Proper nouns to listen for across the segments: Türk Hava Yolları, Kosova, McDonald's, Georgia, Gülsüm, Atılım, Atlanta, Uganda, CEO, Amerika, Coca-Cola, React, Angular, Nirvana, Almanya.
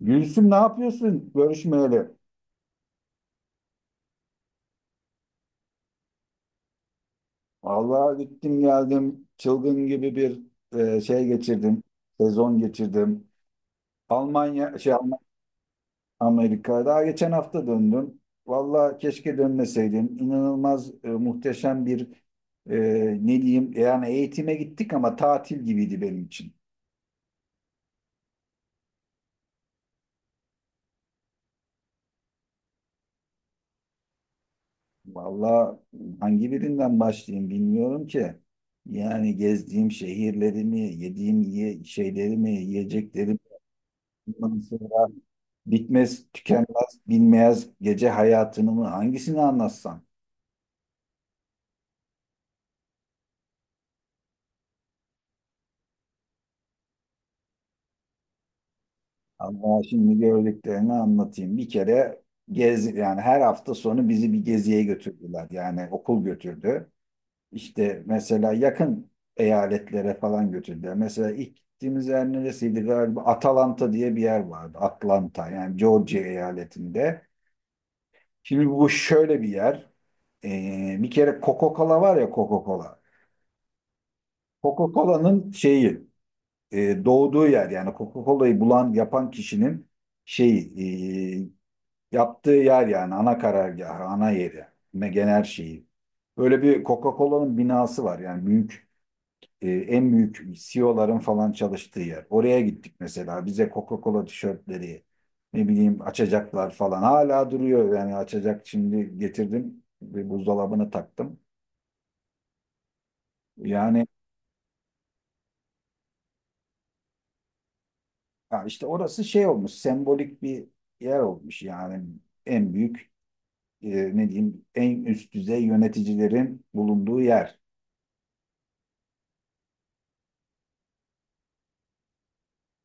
Gülsüm ne yapıyorsun görüşmeyeli? Vallahi gittim geldim çılgın gibi bir şey geçirdim. Sezon geçirdim. Almanya şey Alm- Amerika daha geçen hafta döndüm. Vallahi keşke dönmeseydim. İnanılmaz muhteşem bir e, ne diyeyim yani eğitime gittik ama tatil gibiydi benim için. Vallahi hangi birinden başlayayım bilmiyorum ki. Yani gezdiğim şehirlerimi, yediğim şeylerimi, yiyeceklerimi ondan sonra bitmez, tükenmez, bilmez gece hayatını mı hangisini anlatsam? Ama şimdi gördüklerini anlatayım. Bir kere gezi yani her hafta sonu bizi bir geziye götürdüler. Yani okul götürdü. İşte mesela yakın eyaletlere falan götürdüler. Mesela ilk gittiğimiz yer neresiydi galiba? Atalanta diye bir yer vardı. Atlanta yani Georgia eyaletinde. Şimdi bu şöyle bir yer. Bir kere Coca-Cola var ya Coca-Cola. Coca-Cola'nın şeyi doğduğu yer yani Coca-Cola'yı bulan yapan kişinin şeyi yaptığı yer yani ana karargahı, ana yeri, genel her şeyi. Böyle bir Coca-Cola'nın binası var yani büyük en büyük CEO'ların falan çalıştığı yer. Oraya gittik mesela bize Coca-Cola tişörtleri ne bileyim açacaklar falan hala duruyor yani açacak şimdi getirdim bir buzdolabını taktım. Yani ya işte orası şey olmuş, sembolik bir yer olmuş yani en büyük e, ne diyeyim en üst düzey yöneticilerin bulunduğu yer.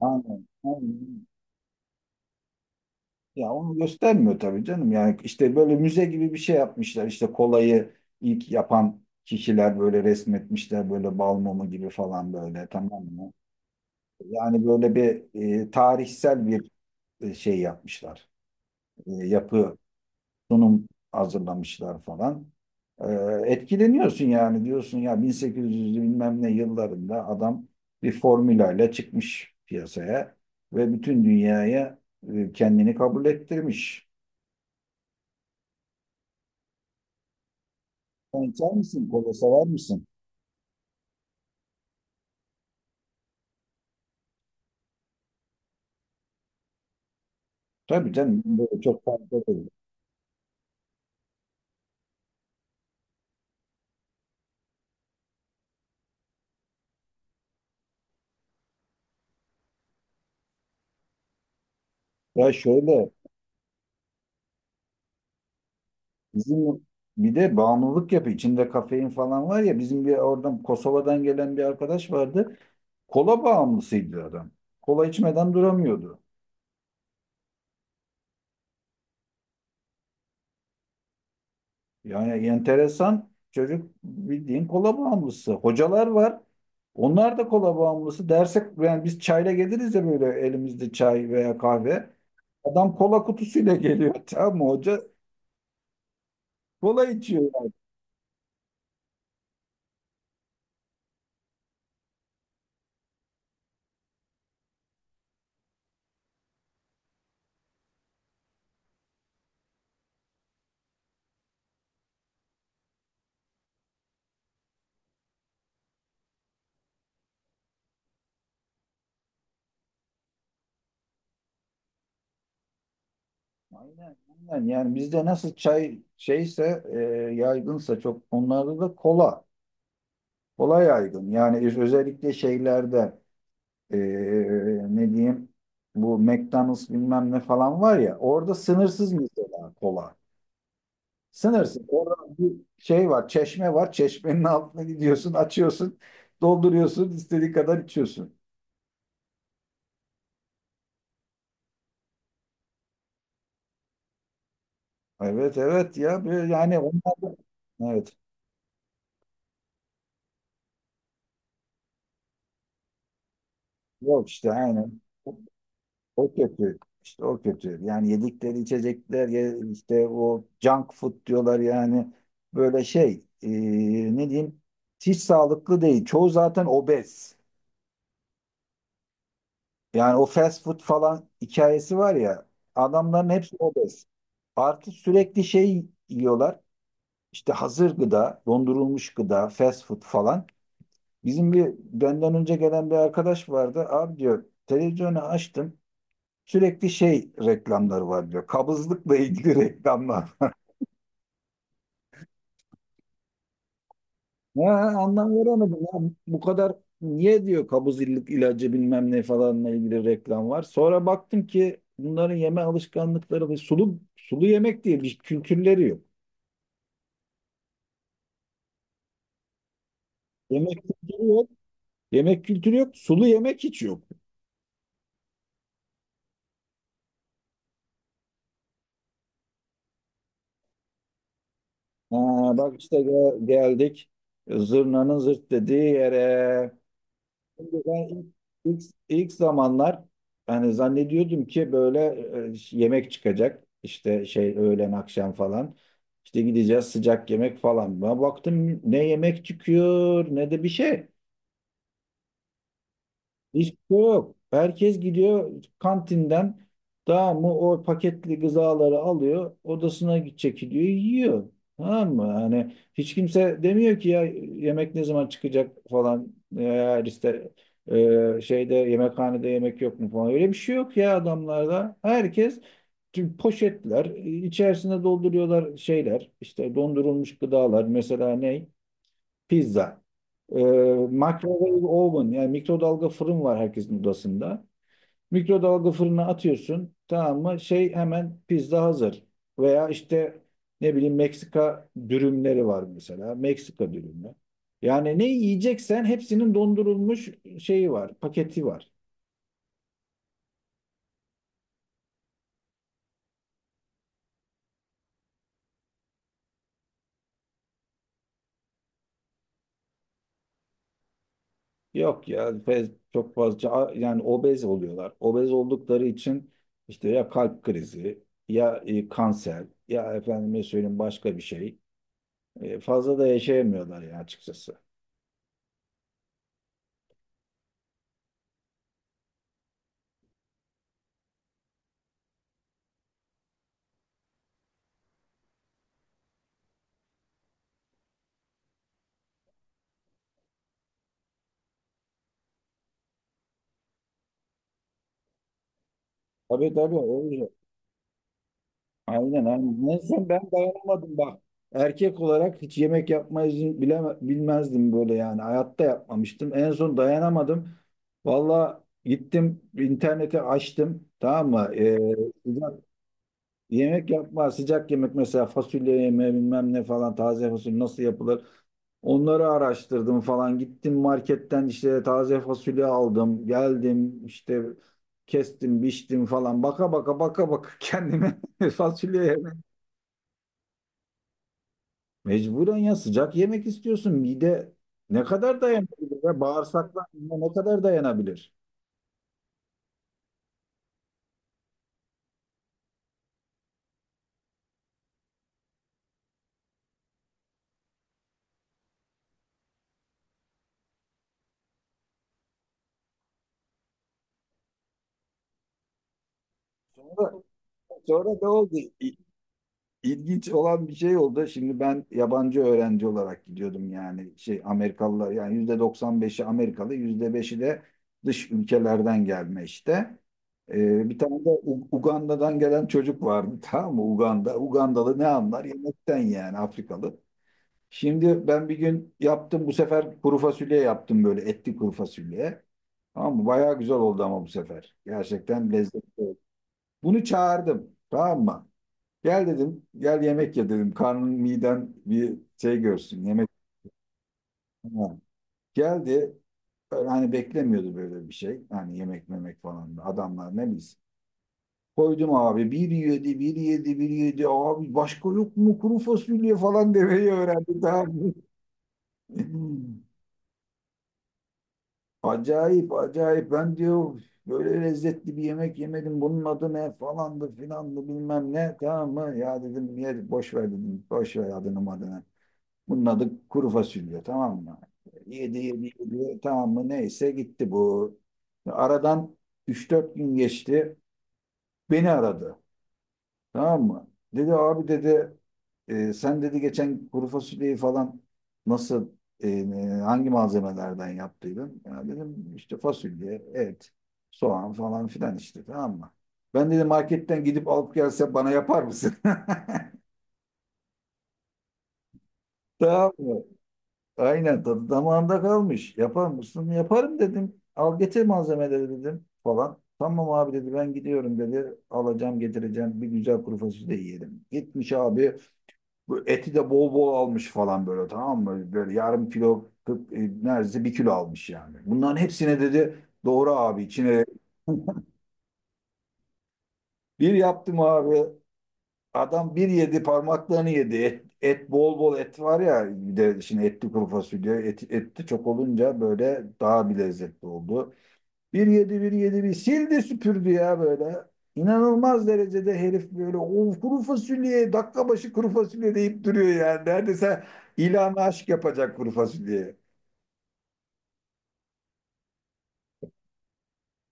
Aynen, aynen. Ya onu göstermiyor tabii canım. Yani işte böyle müze gibi bir şey yapmışlar. İşte kolayı ilk yapan kişiler böyle resmetmişler böyle bal mumu gibi falan böyle tamam mı? Yani böyle bir tarihsel bir şey yapmışlar. Yapı sunum hazırlamışlar falan. Ee, Etkileniyorsun yani diyorsun ya 1800'lü bilmem ne yıllarında adam bir formülayla çıkmış piyasaya ve bütün dünyaya kendini kabul ettirmiş. Sen içer misin? Kola sever misin? Tabii canım böyle çok fazla değil. Ya şöyle bizim bir de bağımlılık yapı içinde kafein falan var ya bizim bir oradan Kosova'dan gelen bir arkadaş vardı. Kola bağımlısıydı adam. Kola içmeden duramıyordu. Yani enteresan çocuk bildiğin kola bağımlısı. Hocalar var. Onlar da kola bağımlısı. Derse yani biz çayla geliriz ya böyle elimizde çay veya kahve. Adam kola kutusuyla geliyor. Tamam mı hoca? Kola içiyor yani. Aynen, aynen. Yani bizde nasıl çay şeyse yaygınsa çok onlarda da kola. Kola yaygın. Yani özellikle şeylerde e, ne diyeyim bu McDonald's bilmem ne falan var ya orada sınırsız mesela kola. Sınırsız. Orada bir şey var, çeşme var. Çeşmenin altına gidiyorsun, açıyorsun, dolduruyorsun, istediğin kadar içiyorsun. Evet, evet ya. Böyle yani onlar da... Evet. Yok işte aynen. O kötü. İşte o kötü. Yani yedikleri içecekler işte o junk food diyorlar yani. Böyle şey ne diyeyim hiç sağlıklı değil. Çoğu zaten obez. Yani o fast food falan hikayesi var ya adamların hepsi obez. Artı sürekli şey yiyorlar. İşte hazır gıda, dondurulmuş gıda, fast food falan. Bizim bir benden önce gelen bir arkadaş vardı. Abi diyor televizyonu açtım. Sürekli şey reklamları var diyor. Kabızlıkla ilgili reklamlar. Ya anlam veremedim ya. Bu kadar niye diyor kabızlık ilacı bilmem ne falanla ilgili reklam var. Sonra baktım ki bunların yeme alışkanlıkları ve sulu sulu yemek diye bir kültürleri yok. Yemek kültürü yok. Yemek kültürü yok. Sulu yemek hiç yok. Ha, bak işte geldik zırnanın zırt dediği yere. Şimdi ben ilk, ilk, ilk zamanlar hani zannediyordum ki böyle yemek çıkacak. İşte şey öğlen akşam falan. İşte gideceğiz sıcak yemek falan. Ben baktım ne yemek çıkıyor ne de bir şey. Hiç yok. Herkes gidiyor kantinden tamam mı o paketli gızaları alıyor odasına gidecek gidiyor yiyor. Tamam mı? Yani hiç kimse demiyor ki ya yemek ne zaman çıkacak falan eğer işte şeyde yemekhanede yemek yok mu falan öyle bir şey yok ya adamlarda. Herkes tüm poşetler içerisine dolduruyorlar şeyler işte dondurulmuş gıdalar mesela ne? Pizza. Ee, Microwave oven yani mikrodalga fırın var herkesin odasında. Mikrodalga fırına atıyorsun tamam mı? Şey hemen pizza hazır. Veya işte ne bileyim Meksika dürümleri var mesela. Meksika dürümü. Yani ne yiyeceksen hepsinin dondurulmuş şeyi var, paketi var. Yok ya çok fazla yani obez oluyorlar. Obez oldukları için işte ya kalp krizi ya kanser ya efendime söyleyeyim başka bir şey. Fazla da yaşayamıyorlar ya açıkçası. Tabii tabii olacak. Aynen aynen. Neyse ben dayanamadım bak. Erkek olarak hiç yemek yapmayı bile, bilmezdim böyle yani. Hayatta yapmamıştım. En son dayanamadım. Valla gittim interneti açtım. Tamam mı? Yemek yapma, sıcak yemek mesela fasulye yeme bilmem ne falan taze fasulye nasıl yapılır? Onları araştırdım falan. Gittim marketten işte taze fasulye aldım. Geldim işte kestim, biçtim falan. Baka baka baka baka kendime fasulye yemek. Mecburen ya sıcak yemek istiyorsun. Mide ne kadar dayanabilir ya? Bağırsaklar ne kadar dayanabilir? Sonra, sonra ne oldu? İlginç olan bir şey oldu. Şimdi ben yabancı öğrenci olarak gidiyordum yani şey Amerikalılar yani %95'i Amerikalı, %5'i de dış ülkelerden gelme işte. Bir tane de Uganda'dan gelen çocuk vardı tamam mı? Uganda. Ugandalı ne anlar? Yemekten yani Afrikalı. Şimdi ben bir gün yaptım bu sefer kuru fasulye yaptım böyle etli kuru fasulye. Tamam mı? Bayağı güzel oldu ama bu sefer. Gerçekten lezzetli oldu. Bunu çağırdım tamam mı? Gel dedim, gel yemek ye dedim. Karnın miden bir şey görsün, yemek. Ha. Geldi, böyle hani beklemiyordu böyle bir şey. Hani yemek memek falan adamlar ne bilsin. Koydum abi bir yedi, bir yedi, bir yedi. Abi başka yok mu kuru fasulye falan demeyi öğrendi daha. Acayip acayip ben diyor böyle lezzetli bir yemek yemedim bunun adı ne falandı filandı bilmem ne tamam mı ya dedim ye boş ver dedim boş ver adını adını. Bunun adı kuru fasulye tamam mı? Yedi yedi yedi tamam mı neyse gitti bu. Aradan üç dört gün geçti. Beni aradı tamam mı? Dedi abi dedi sen dedi geçen kuru fasulyeyi falan nasıl hangi malzemelerden yaptıydın? Ya dedim işte fasulye, et, soğan falan filan işte tamam mı? Ben dedi marketten gidip alıp gelse bana yapar mısın? Tamam mı? Aynen tadı damağında kalmış. Yapar mısın? Yaparım dedim. Al getir malzemeleri dedim falan. Tamam abi dedi ben gidiyorum dedi. Alacağım getireceğim bir güzel kuru fasulye yiyelim. Gitmiş abi bu eti de bol bol almış falan böyle tamam mı? Böyle yarım kilo neredeyse bir kilo almış yani. Bunların hepsine dedi doğru abi içine bir yaptım abi. Adam bir yedi parmaklarını yedi. Et, et bol bol et var ya bir de şimdi etli kuru fasulye et, etti çok olunca böyle daha bir lezzetli oldu. Bir yedi bir yedi bir sildi süpürdü ya böyle. İnanılmaz derecede herif böyle o kuru fasulye dakika başı kuru fasulye deyip duruyor yani. Neredeyse ilan aşk yapacak kuru fasulyeye.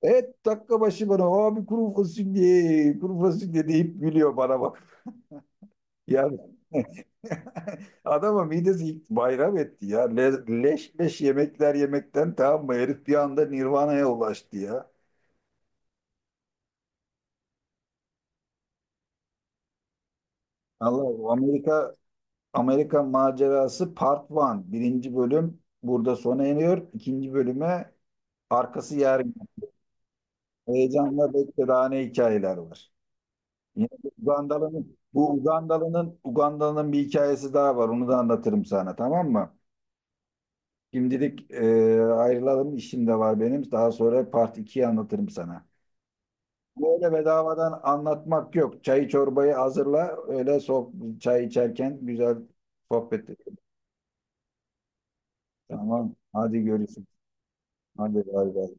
Et dakika başı bana abi kuru fasulye kuru fasulye deyip gülüyor bana bak. Yani Adama midesi ilk bayram etti ya. Leş leş yemekler yemekten tamam mı? Herif bir anda Nirvana'ya ulaştı ya. Allah Amerika Amerika macerası Part 1. Birinci bölüm burada sona eriyor. İkinci bölüme arkası yarın. Heyecanla beklediğine hikayeler var. Yine de Ugandalı'nın bir hikayesi daha var. Onu da anlatırım sana tamam mı? Şimdilik ayrılalım. İşim de var benim. Daha sonra Part 2'yi anlatırım sana. Böyle bedavadan anlatmak yok. Çayı çorbayı hazırla. Öyle çay içerken güzel sohbet edelim. Tamam. Hadi görüşürüz. Hadi bay bay.